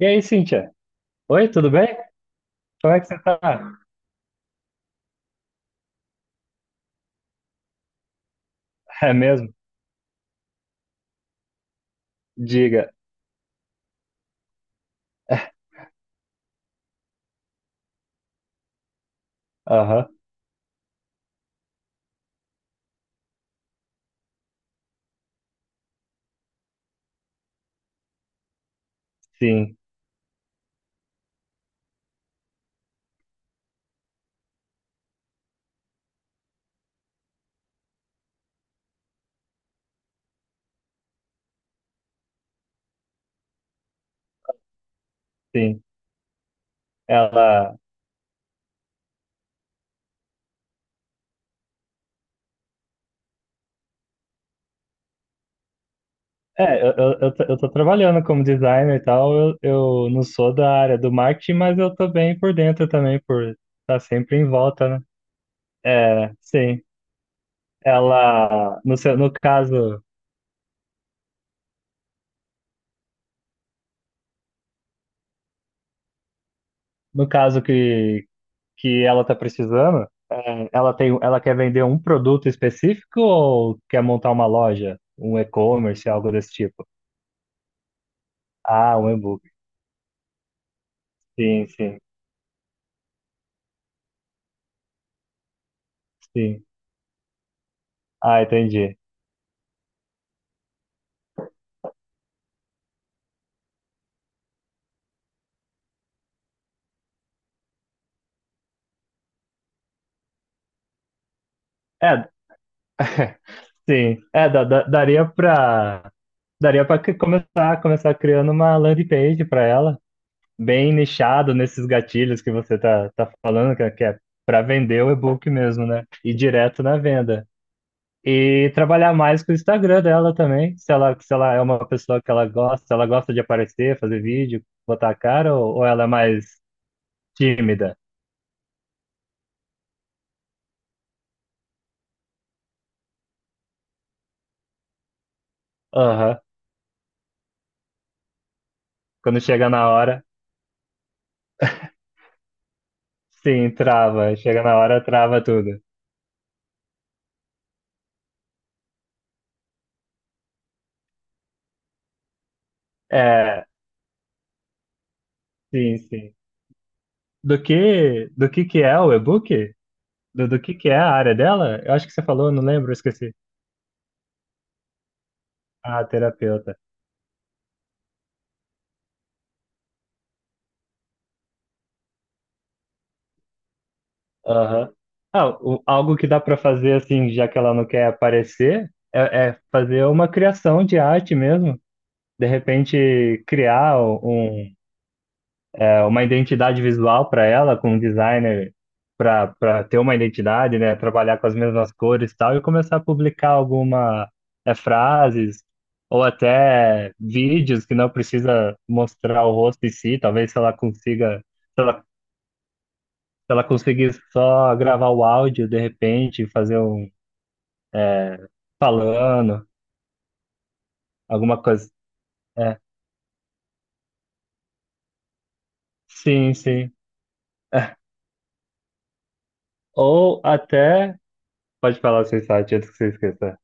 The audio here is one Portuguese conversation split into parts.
E aí, Cíntia? Oi, tudo bem? Como é que você tá? É mesmo? Diga. Aham, sim, sim. Ela. Eu tô trabalhando como designer e tal. Eu não sou da área do marketing, mas eu tô bem por dentro também, por estar tá sempre em volta, né? É, sim. Ela, no seu, no caso, no caso que ela tá precisando, é, ela tem, ela quer vender um produto específico ou quer montar uma loja, um e-commerce, algo desse tipo? Ah, um e-book. Sim, sim, sim. Ah, entendi. É, sim. É, daria pra. Daria para começar, começar criando uma landing page para ela, bem nichado nesses gatilhos que você tá falando, que é pra vender o e-book mesmo, né? E direto na venda. E trabalhar mais com o Instagram dela também, se ela é uma pessoa que ela gosta, se ela gosta de aparecer, fazer vídeo, botar a cara, ou, ela é mais tímida? Aham. Quando chega na hora. Sim, trava. Chega na hora, trava tudo. É, sim, sim. Do que é o e-book? Do que é a área dela? Eu acho que você falou, eu não lembro, eu esqueci. Ah, terapeuta. Aham. Ah, algo que dá para fazer, assim, já que ela não quer aparecer, é fazer uma criação de arte mesmo. De repente, criar um, uma identidade visual para ela, com um designer para ter uma identidade, né? Trabalhar com as mesmas cores e tal, e começar a publicar alguma é, frases ou até vídeos que não precisa mostrar o rosto em si, talvez se ela consiga, se ela conseguir só gravar o áudio de repente, fazer um falando, alguma coisa. É, sim, sim. Ou até, pode falar sem site antes que você esqueça.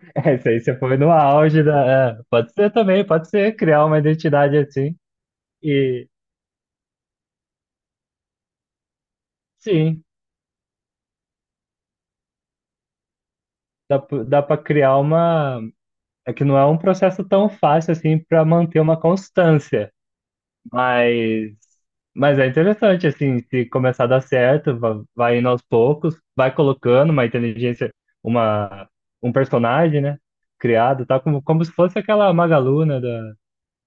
É, isso aí você foi no auge da. É, pode ser também, pode ser criar uma identidade assim. E sim, dá, dá para criar uma. É que não é um processo tão fácil assim para manter uma constância, mas. Mas é interessante, assim, se começar a dar certo, vai indo aos poucos, vai colocando uma inteligência, uma, um personagem, né? Criado, tá como, como se fosse aquela Magalu, né? Da,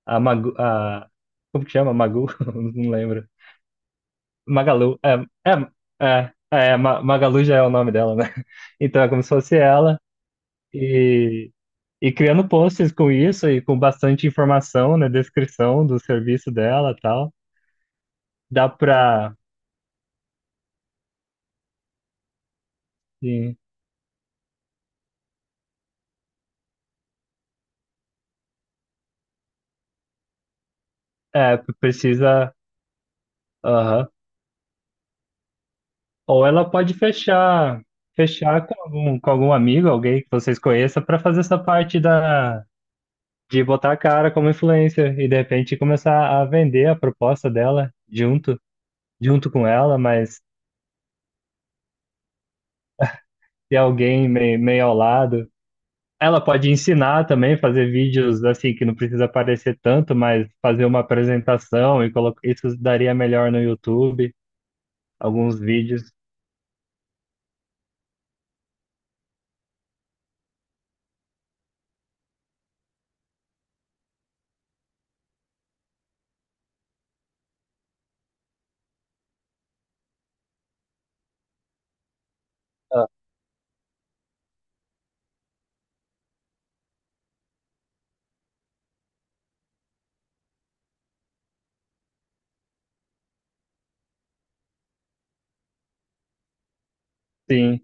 a Magu, a, como que chama? Magu? Não lembro. Magalu. É, é, é, é, Magalu já é o nome dela, né? Então é como se fosse ela. E, e criando posts com isso e com bastante informação, né? Descrição do serviço dela e tal. Dá pra. Sim, é, precisa. Aham. Ou ela pode fechar. Fechar com algum amigo, alguém que vocês conheçam, para fazer essa parte da, de botar a cara como influencer e de repente começar a vender a proposta dela junto, junto com ela, mas ter alguém meio, meio ao lado. Ela pode ensinar também, fazer vídeos assim que não precisa aparecer tanto, mas fazer uma apresentação e colocar isso daria melhor no YouTube, alguns vídeos. Ah, sim,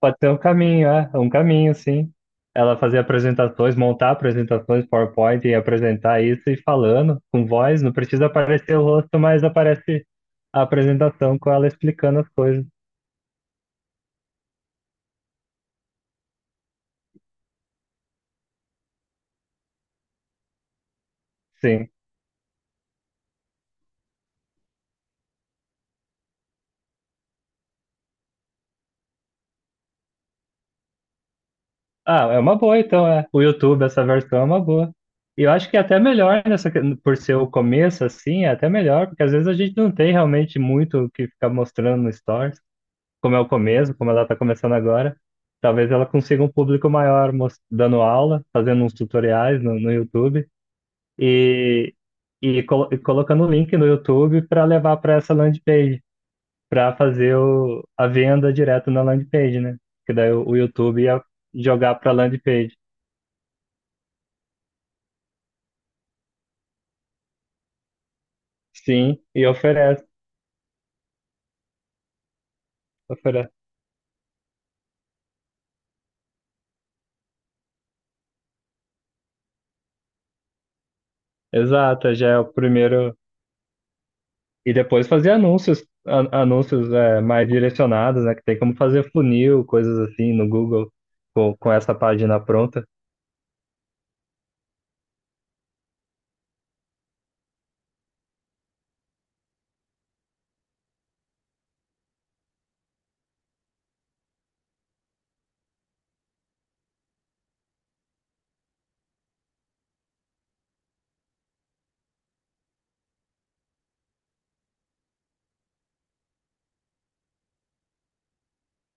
pode ser um caminho, é, um caminho, sim. Ela fazer apresentações, montar apresentações, PowerPoint e apresentar isso e falando com voz, não precisa aparecer o rosto, mas aparece a apresentação com ela explicando as coisas. Sim. Ah, é uma boa então, é. O YouTube, essa versão é uma boa. E eu acho que é até melhor nessa, que- por ser o começo assim, é até melhor, porque às vezes a gente não tem realmente muito o que ficar mostrando no Stories, como é o começo, como ela está começando agora. Talvez ela consiga um público maior mos- dando aula, fazendo uns tutoriais no YouTube e, e colocando o link no YouTube para levar para essa landing page, para fazer o, a venda direto na landing page, né? Que daí o YouTube ia jogar para landing page. Sim, e oferece, oferece. Exato, já é o primeiro. E depois fazer anúncios, anúncios é, mais direcionados, né? Que tem como fazer funil, coisas assim no Google com essa página pronta.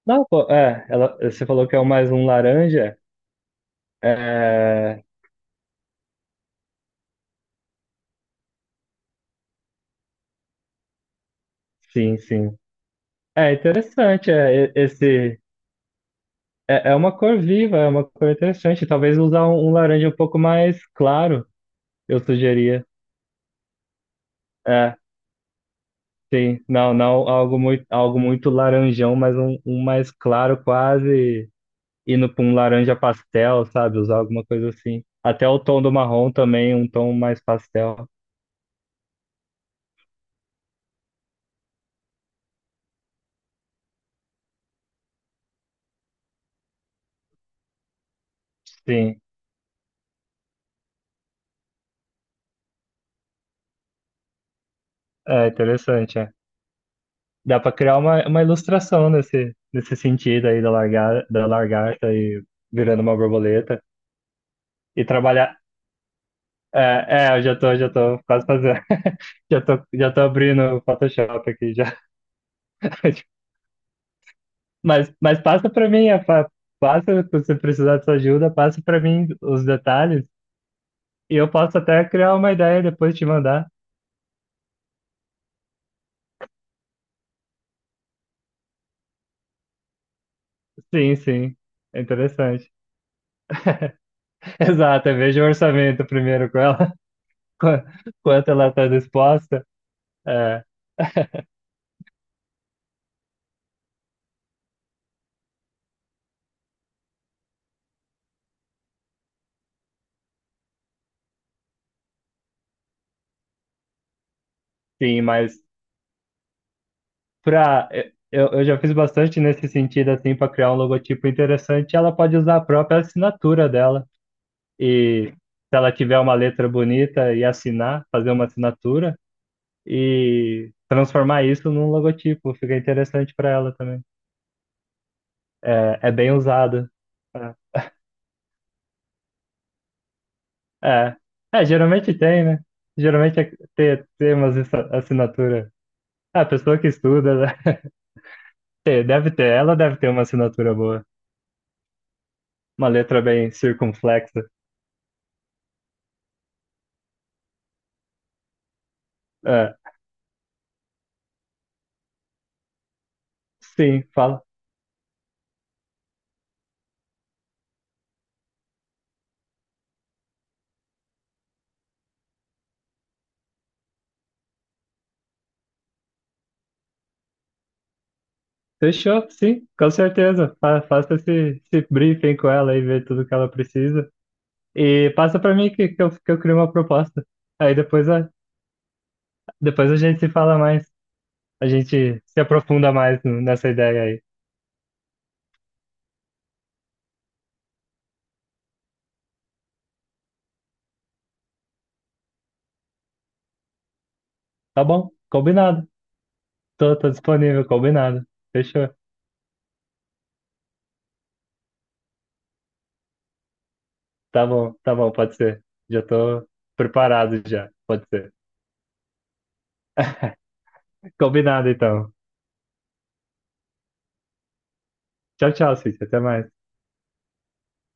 Não, pô, é, ela, você falou que é o mais um laranja. É, sim, sim. É interessante, é, esse. É, é uma cor viva, é uma cor interessante. Talvez usar um, um laranja um pouco mais claro, eu sugeria. É, sim, não, não, algo muito laranjão, mas um mais claro, quase indo para um laranja pastel, sabe? Usar alguma coisa assim. Até o tom do marrom também, um tom mais pastel. Sim, é interessante, é. Dá para criar uma ilustração nesse, nesse sentido aí da largar, da lagarta e virando uma borboleta e trabalhar. É, é, já tô quase fazendo. Já tô abrindo o Photoshop aqui, já. Mas passa para mim, passa, se você precisar de sua ajuda, passa para mim os detalhes e eu posso até criar uma ideia e depois te mandar. Sim, sim, é interessante. Exato, eu vejo o orçamento primeiro com ela, qua- quanto ela está disposta. É, sim, mas pra, é, eu já fiz bastante nesse sentido, assim, para criar um logotipo interessante, ela pode usar a própria assinatura dela e se ela tiver uma letra bonita e assinar, fazer uma assinatura e transformar isso num logotipo. Fica interessante para ela também. É, é bem usado. É. É. É, geralmente tem, né? Geralmente é ter, umas assinatura. A pessoa que estuda, né? Deve ter, ela deve ter uma assinatura boa. Uma letra bem circunflexa. É, sim, fala. Fechou, sim, com certeza. Faça esse, esse briefing com ela e vê tudo que ela precisa. E passa para mim que eu crio uma proposta. Aí depois a, depois a gente se fala mais. A gente se aprofunda mais nessa ideia aí. Tá bom, combinado. Tô, tô disponível, combinado. Fechou. Tá bom, pode ser. Já tô preparado já, pode ser. Combinado então. Tchau, tchau, Cítia. Até mais.